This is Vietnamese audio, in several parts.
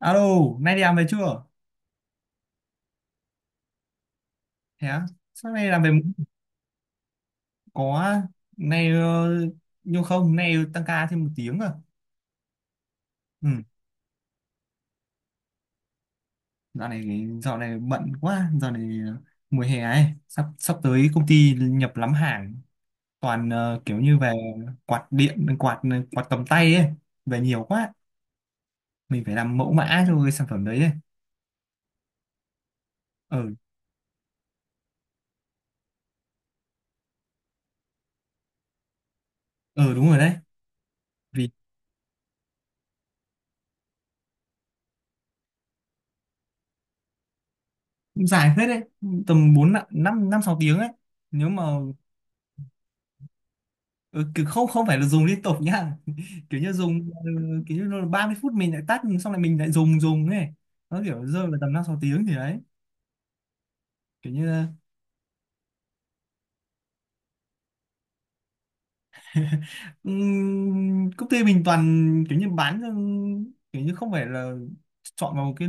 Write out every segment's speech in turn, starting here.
Alo, nay đi làm về chưa? Thế á? Sao nay làm về muộn? Có. Nay nhưng không, nay tăng ca thêm 1 tiếng à. Ừ, dạo này bận quá, dạo này mùa hè ấy, sắp sắp tới công ty nhập lắm hàng, toàn kiểu như về quạt điện, quạt cầm tay ấy, về nhiều quá, mình phải làm mẫu mã cho cái sản phẩm đấy ấy. Ừ, ừ đúng rồi đấy, vì cũng dài phết đấy, tầm 4 năm năm năm sáu tiếng ấy. Nếu mà ừ, kiểu không không phải là dùng liên tục nhá. Kiểu như dùng, kiểu như là 30 phút mình lại tắt xong lại mình lại dùng dùng ấy, nó kiểu rơi vào tầm 5-6 tiếng thì đấy, kiểu như là công ty mình toàn kiểu như bán, kiểu như không phải là chọn vào một cái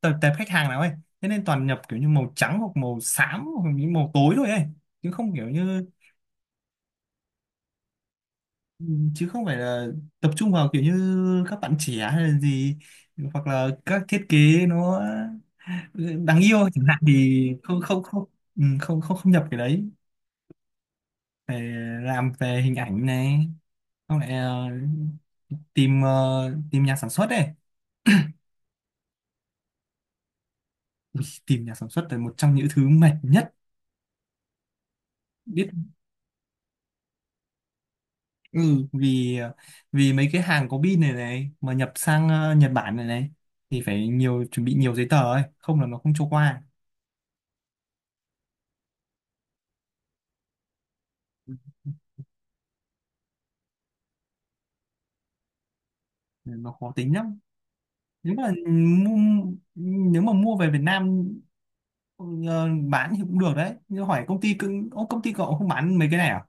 tệp khách hàng nào ấy, thế nên toàn nhập kiểu như màu trắng hoặc màu xám hoặc những màu tối thôi ấy, chứ không kiểu như chứ không phải là tập trung vào kiểu như các bạn trẻ hay là gì, hoặc là các thiết kế nó đáng yêu chẳng hạn thì không không không. Ừ, không không không nhập cái đấy, phải làm về hình ảnh này, không lại tìm, tìm nhà sản xuất đây. Ui, tìm nhà sản xuất là một trong những thứ mệt nhất biết. Ừ, vì ờ, vì mấy cái hàng có pin này này mà nhập sang, Nhật Bản này này thì phải nhiều chuẩn bị nhiều giấy tờ ấy, không là nó không cho qua. Ừ, nó khó tính lắm. Nếu mà mua, nếu mà mua về Việt Nam. Ừ, bán thì cũng được đấy, nhưng hỏi công ty cậu không bán mấy cái này à?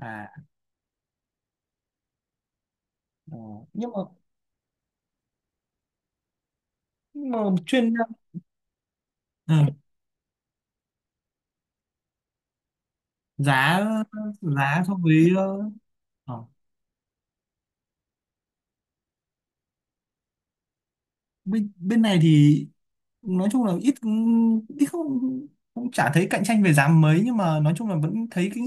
À. Ờ, nhưng mà nhưng mà chuyên, ừ, giá giá so với ờ, bên bên này thì nói chung là ít ít không, cũng chả thấy cạnh tranh về giá mấy, nhưng mà nói chung là vẫn thấy cái,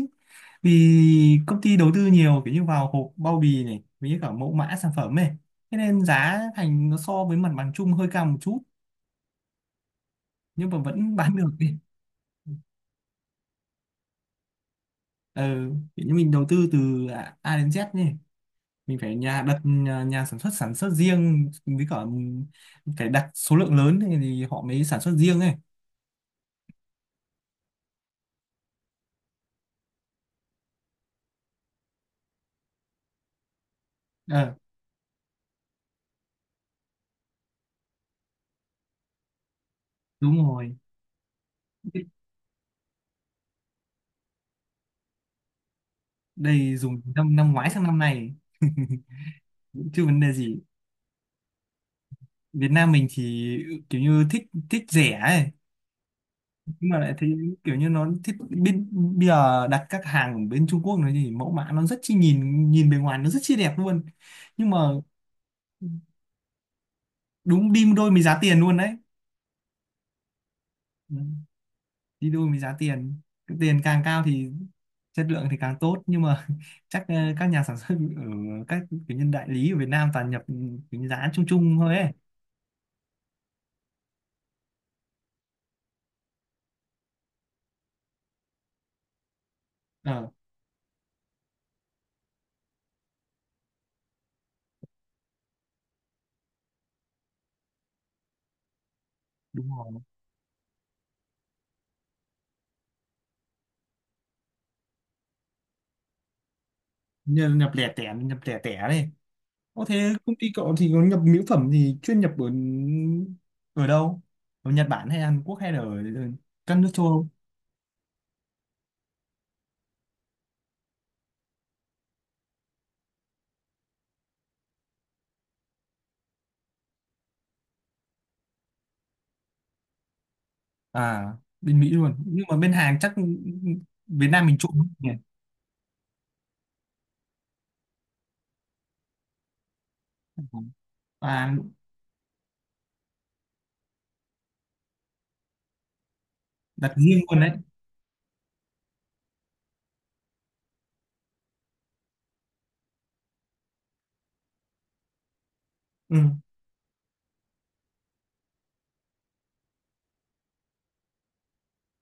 vì công ty đầu tư nhiều kiểu như vào hộp bao bì này với cả mẫu mã sản phẩm này, thế nên giá thành nó so với mặt bằng chung hơi cao một chút, nhưng mà vẫn bán được đi. Ừ, kiểu như mình đầu tư từ A đến Z nhỉ, mình phải đặt nhà sản xuất riêng, với cả phải đặt số lượng lớn thì họ mới sản xuất riêng ấy. Ờ đúng rồi, đây dùng năm năm ngoái sang năm này chứ vấn đề gì. Việt Nam mình thì kiểu như thích, thích rẻ ấy, nhưng mà lại thấy kiểu như nó thích bên, bây giờ đặt các hàng ở bên Trung Quốc nó thì mẫu mã nó rất chi, nhìn nhìn bề ngoài nó rất chi đẹp luôn, nhưng mà đúng đi đôi với giá tiền luôn đấy, đi đôi với giá tiền. Cái tiền càng cao thì chất lượng thì càng tốt, nhưng mà chắc các nhà sản xuất ở các kiểu nhân đại lý ở Việt Nam toàn nhập cái giá chung chung thôi ấy. Ờ đúng rồi. Như nhập lẻ tẻ, này, có thế công ty cậu thì có nhập mỹ phẩm thì chuyên nhập ở ở đâu, ở Nhật Bản hay Hàn Quốc hay là ở, ở các nước châu Âu? À, bên Mỹ luôn nhưng mà bên hàng chắc Việt Nam mình trộn nhỉ? Và đặt riêng luôn đấy. Ừ.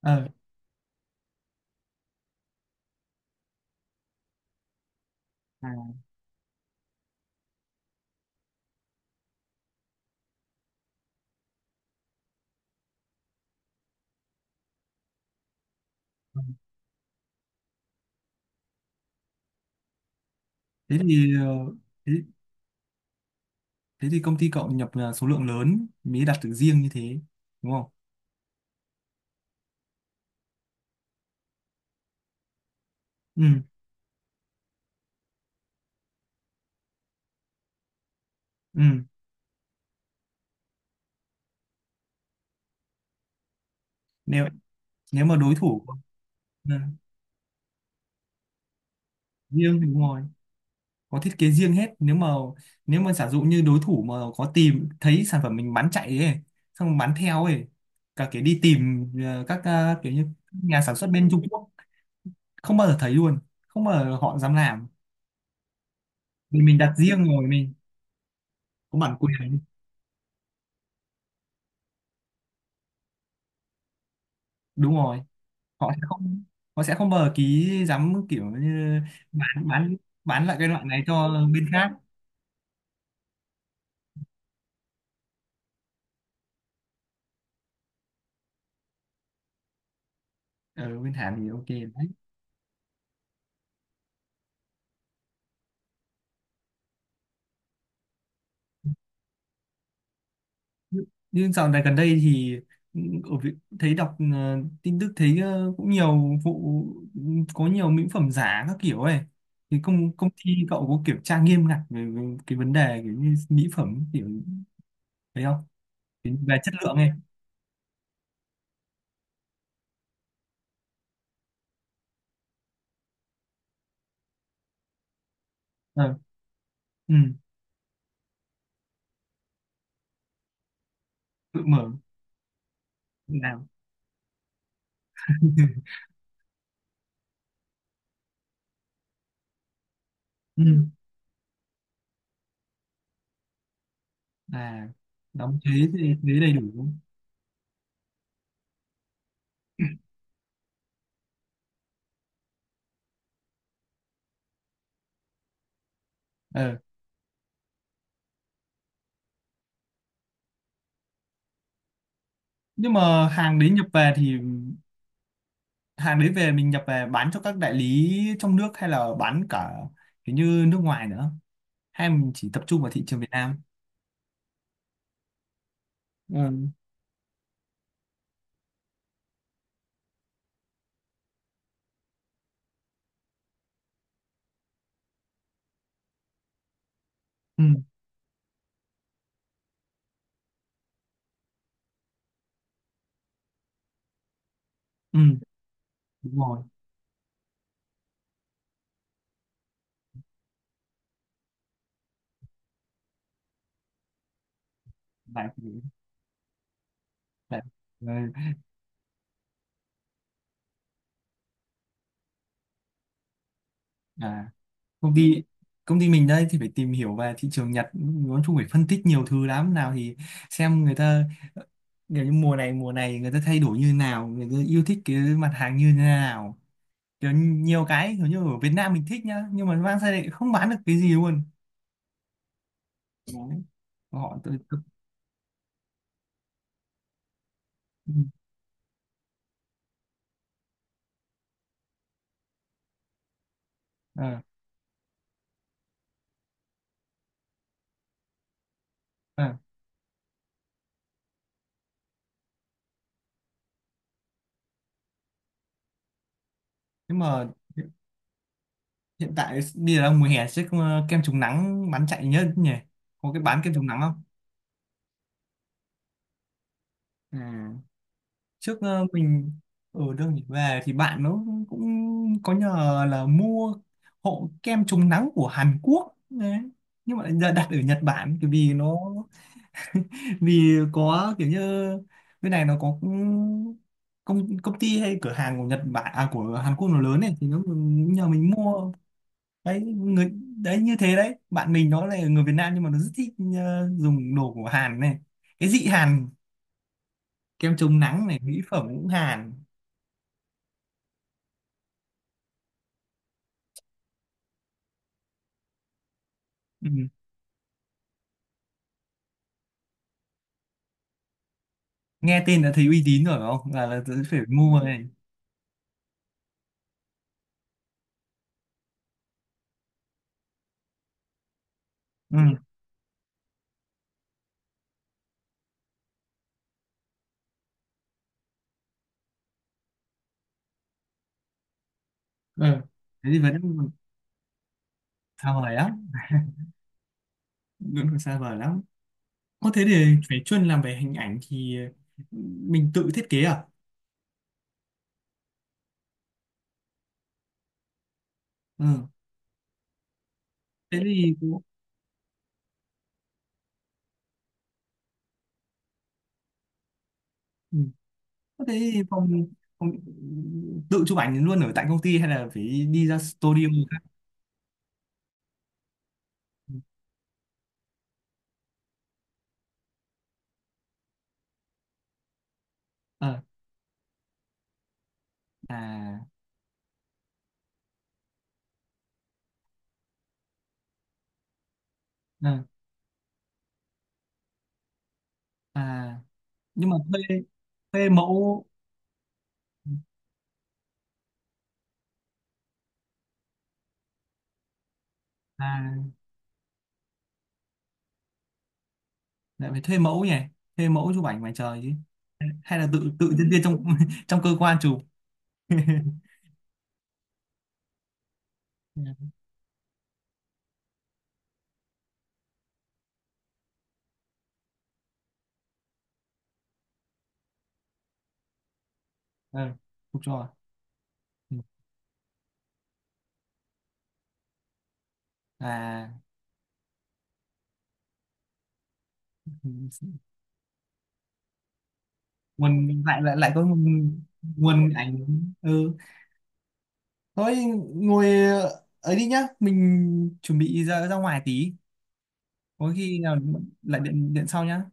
Ờ. Thế thì thế, thế thì công ty cậu nhập là số lượng lớn mới đặt được riêng như thế đúng không? Ừ. Ừ. nếu nếu mà đối thủ, ừ, riêng thì đúng rồi, có thiết kế riêng hết. Nếu mà, giả dụ như đối thủ mà có tìm thấy sản phẩm mình bán chạy ấy, xong bán theo ấy, cả cái đi tìm các, kiểu như nhà sản xuất bên Trung Quốc không bao giờ thấy luôn, không bao giờ họ dám làm vì mình đặt riêng rồi, mình có bản quyền. Đúng rồi, họ sẽ không, ký, dám kiểu như bán bán bán lại cái loại này cho bên khác. Ở bên Hàn thì ok đấy. Nhưng dạo này gần đây thì thấy đọc tin tức thấy cũng nhiều vụ, có nhiều mỹ phẩm giả các kiểu ấy, thì công công ty cậu có kiểm tra nghiêm ngặt về cái vấn đề kiểu như mỹ phẩm kiểu thấy không? Về chất lượng ấy. Ờ. Ừ. Tự mở, tự. Ừ. À, đóng thuế thì thuế đầy đủ. Ờ, nhưng mà hàng đấy về mình nhập về bán cho các đại lý trong nước hay là bán cả kiểu như nước ngoài nữa, hay mình chỉ tập trung vào thị trường Việt Nam? Ừ. Ừ. Ừ. Đúng rồi. Đại đại Đại. À, công ty công ty mình đây thì phải tìm hiểu về thị trường Nhật nói chung, phải phân tích nhiều thứ lắm, nào thì xem người ta kiểu như mùa này người ta thay đổi như nào, người ta yêu thích cái mặt hàng như thế nào, kiểu nhiều cái kiểu như ở Việt Nam mình thích nhá, nhưng mà mang sang đây không bán được cái gì luôn. Đấy. họ tự tự- ừ. Ờ. Ờ, nhưng mà hiện hiện tại bây giờ đang mùa hè chứ, kem chống nắng bán chạy nhất nhỉ, có cái bán kem chống nắng không? À, trước mình ở đâu nhỉ về thì bạn nó cũng có nhờ là mua hộ kem chống nắng của Hàn Quốc đấy, nhưng mà lại đặt ở Nhật Bản bởi vì nó, vì có kiểu như bên này nó có công công ty hay cửa hàng của Nhật Bản, à của Hàn Quốc nó lớn này thì nó nhờ mình mua. Đấy đấy như thế đấy, bạn mình nó là người Việt Nam nhưng mà nó rất thích, dùng đồ của Hàn này, cái dị Hàn, kem chống nắng này, mỹ phẩm cũng Hàn. Ừ. Nghe tên đã thấy uy tín rồi phải không, là phải mua này. Ừ. Ừ. Thế thì vẫn sao vời lắm. Vẫn còn xa vời lắm. Có thế để phải chuyên làm về hình ảnh thì, ừ, mình tự thiết kế à? Ừ. Thế thì có- ừ. Có thế thì phòng, phòng ừ, tự chụp ảnh luôn ở tại công ty hay là phải đi ra studio khác? Ờ. À. À. À, nhưng mà thuê thuê mẫu, à lại phải thuê mẫu nhỉ? Thuê mẫu chụp ảnh ngoài trời chứ. Hay là tự tự nhân viên trong trong cơ quan chụp? Ờ, chụp cho à? Ừ. À, ừ, nguồn, lại lại lại có nguồn, nguồn ảnh. Ừ thôi, ngồi ấy đi nhá, mình chuẩn bị ra, ngoài tí, có khi nào lại điện điện sau nhá.